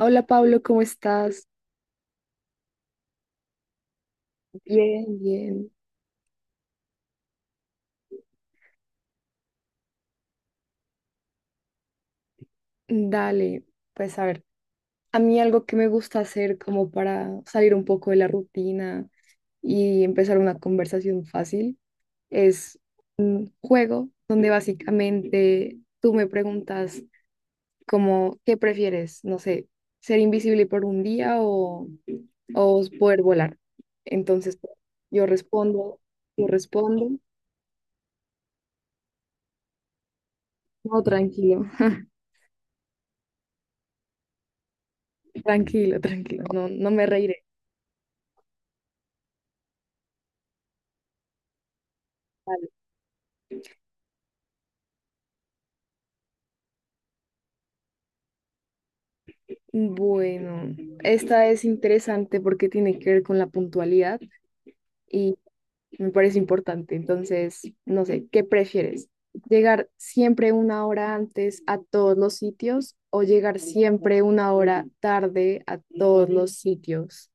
Hola Pablo, ¿cómo estás? Bien, bien. Dale, pues a ver, a mí algo que me gusta hacer como para salir un poco de la rutina y empezar una conversación fácil es un juego donde básicamente tú me preguntas como, ¿qué prefieres? No sé, ser invisible por un día o poder volar. Entonces yo respondo, yo respondo. No, tranquilo. Tranquilo, tranquilo, no, no me reiré. Bueno, esta es interesante porque tiene que ver con la puntualidad y me parece importante. Entonces, no sé, ¿qué prefieres? ¿Llegar siempre una hora antes a todos los sitios o llegar siempre una hora tarde a todos los sitios?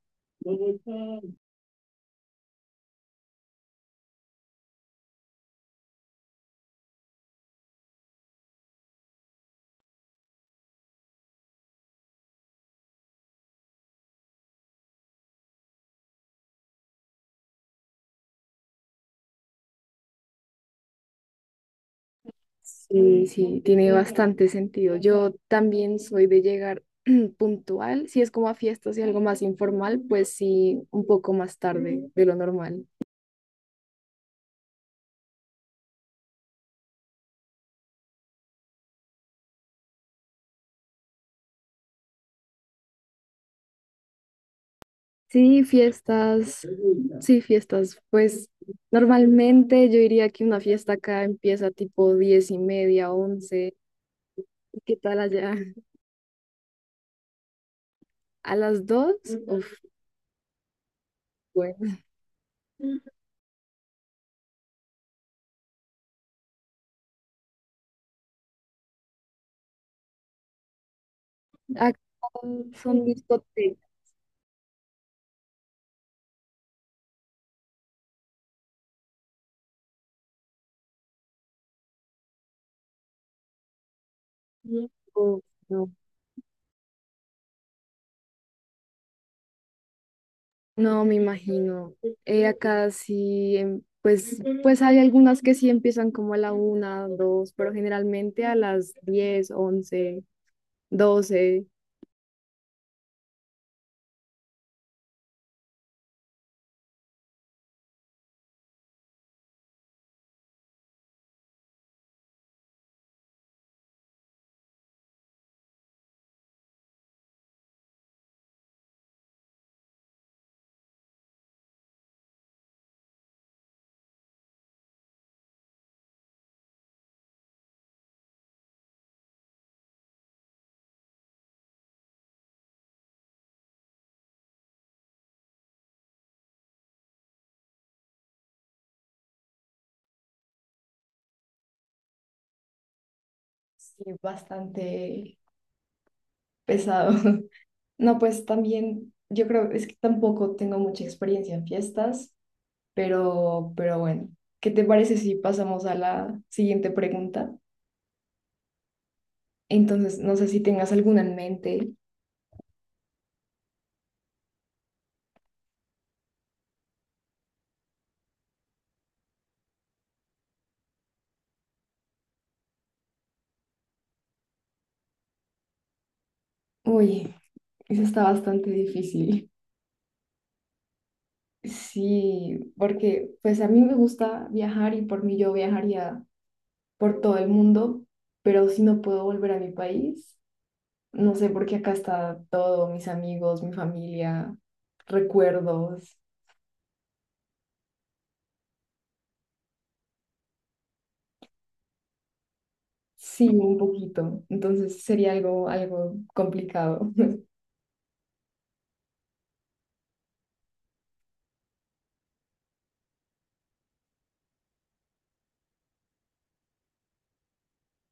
Sí, sí, tiene bastante sentido. Yo también soy de llegar puntual. Si es como a fiestas y algo más informal, pues sí, un poco más tarde de lo normal. Sí, fiestas, sí, fiestas. Pues normalmente yo diría que una fiesta acá empieza tipo diez y media, once. ¿Y qué tal allá? ¿A las dos? Uf, bueno. Acá son discotecas. Uf, no, no me imagino. Acá sí, pues, pues hay algunas que sí empiezan como a la una, dos, pero generalmente a las diez, once, doce. Sí, bastante pesado. No, pues también, yo creo, es que tampoco tengo mucha experiencia en fiestas, pero bueno, ¿qué te parece si pasamos a la siguiente pregunta? Entonces, no sé si tengas alguna en mente. Uy, eso está bastante difícil. Sí, porque pues a mí me gusta viajar y por mí yo viajaría por todo el mundo, pero si no puedo volver a mi país, no sé, porque acá está todo, mis amigos, mi familia, recuerdos. Sí, un poquito. Entonces sería algo, algo complicado.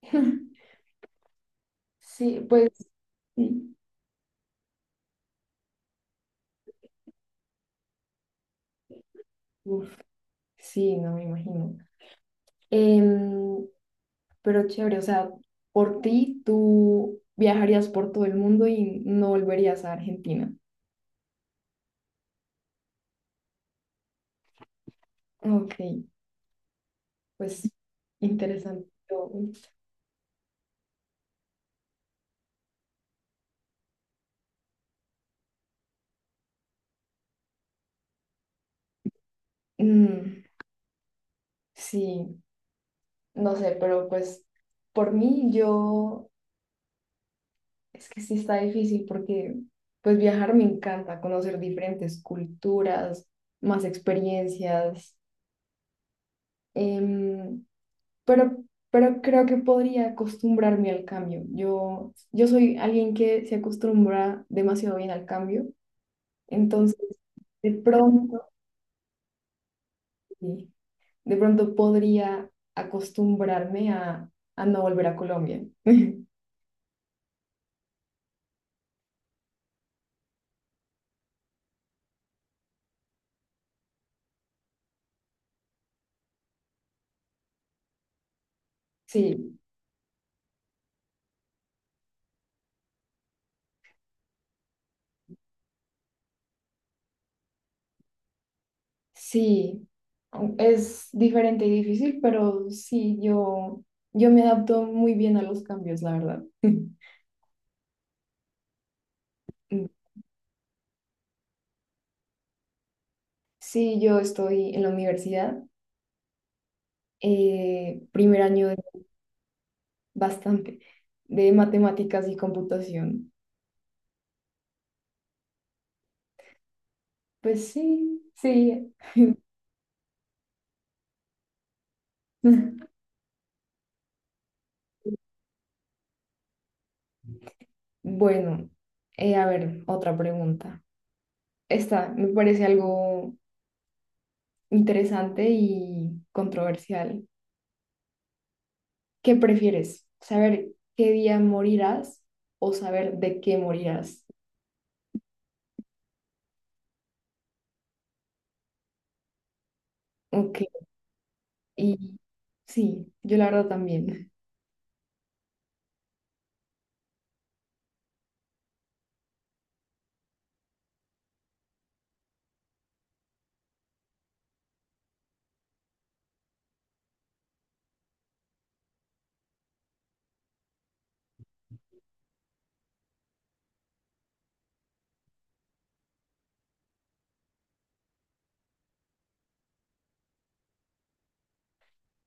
Sí, pues sí. Uf, sí, no me imagino. Em, pero chévere, o sea, por ti tú viajarías por todo el mundo y no volverías a Argentina. Ok, pues interesante. Yo, mm, sí, no sé, pero pues por mí yo es que sí está difícil porque pues viajar me encanta, conocer diferentes culturas, más experiencias, em, pero, pero creo que podría acostumbrarme al cambio. Yo, soy alguien que se acostumbra demasiado bien al cambio, entonces de pronto, sí, de pronto podría acostumbrarme a no volver a Colombia. Sí. Sí, es diferente y difícil, pero sí, yo me adapto muy bien a los cambios, la verdad. Sí, yo estoy en la universidad, primer año de- bastante de matemáticas y computación. Pues sí, sí. Bueno, a ver, otra pregunta. Esta me parece algo interesante y controversial. ¿Qué prefieres? ¿Saber qué día morirás o saber de qué morirás? Ok, y sí, yo la verdad también.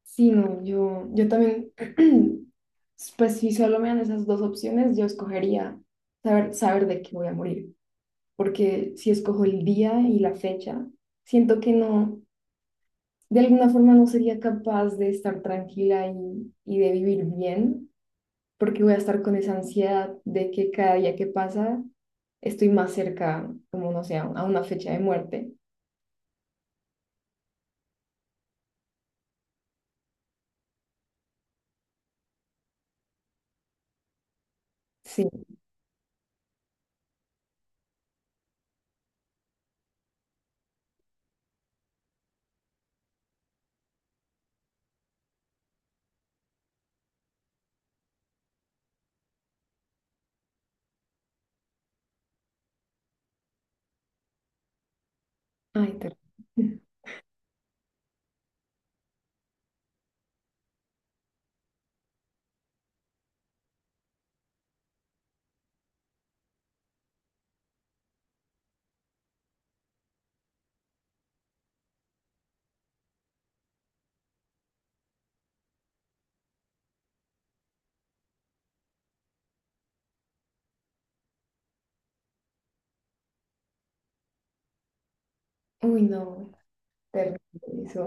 Sí, no, yo también, pues si solo me dan esas dos opciones, yo escogería saber, saber de qué voy a morir, porque si escojo el día y la fecha, siento que no, de alguna forma no sería capaz de estar tranquila y de vivir bien porque voy a estar con esa ansiedad de que cada día que pasa estoy más cerca, como no sé, a una fecha de muerte. Sí, ay, terrible. Uy, no, terrible eso.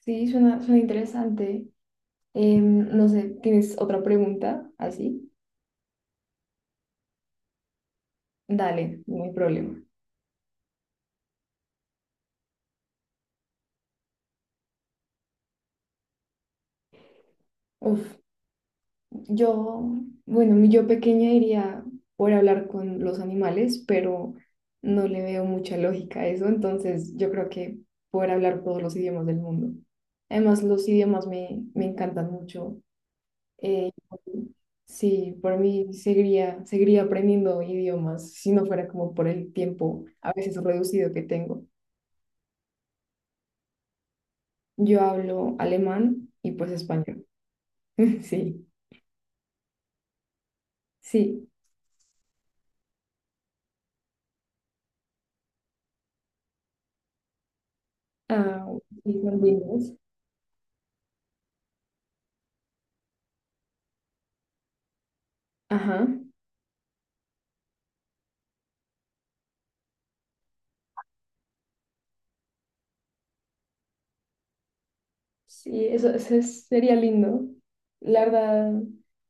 Sí, suena, suena interesante. No sé, ¿tienes otra pregunta así? Dale, no hay problema. Uf. Yo, bueno, mi yo pequeña iría por hablar con los animales, pero no le veo mucha lógica a eso, entonces yo creo que poder hablar todos los idiomas del mundo. Además, los idiomas me, me encantan mucho. Eh, sí, por mí seguiría, seguiría aprendiendo idiomas si no fuera como por el tiempo a veces reducido que tengo. Yo hablo alemán y pues español. Sí, sí. Ah, y también inglés. Ajá. Sí, eso, sería lindo. La verdad,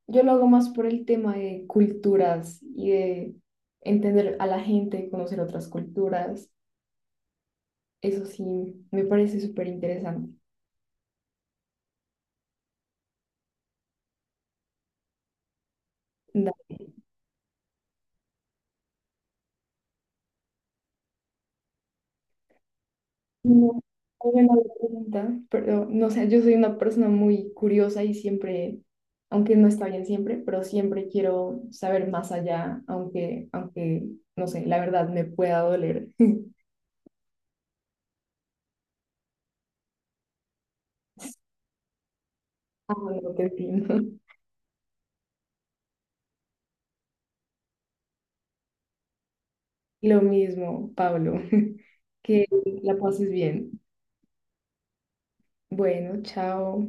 yo lo hago más por el tema de culturas y de entender a la gente, conocer otras culturas. Eso sí, me parece súper interesante. Da- No, alguna otra pregunta, pero no sé, yo soy una persona muy curiosa y siempre, aunque no está bien siempre, pero siempre quiero saber más allá, aunque, aunque, no sé, la verdad me pueda doler. Ah, no, qué fino. Lo mismo, Pablo, que la pases bien. Bueno, chao.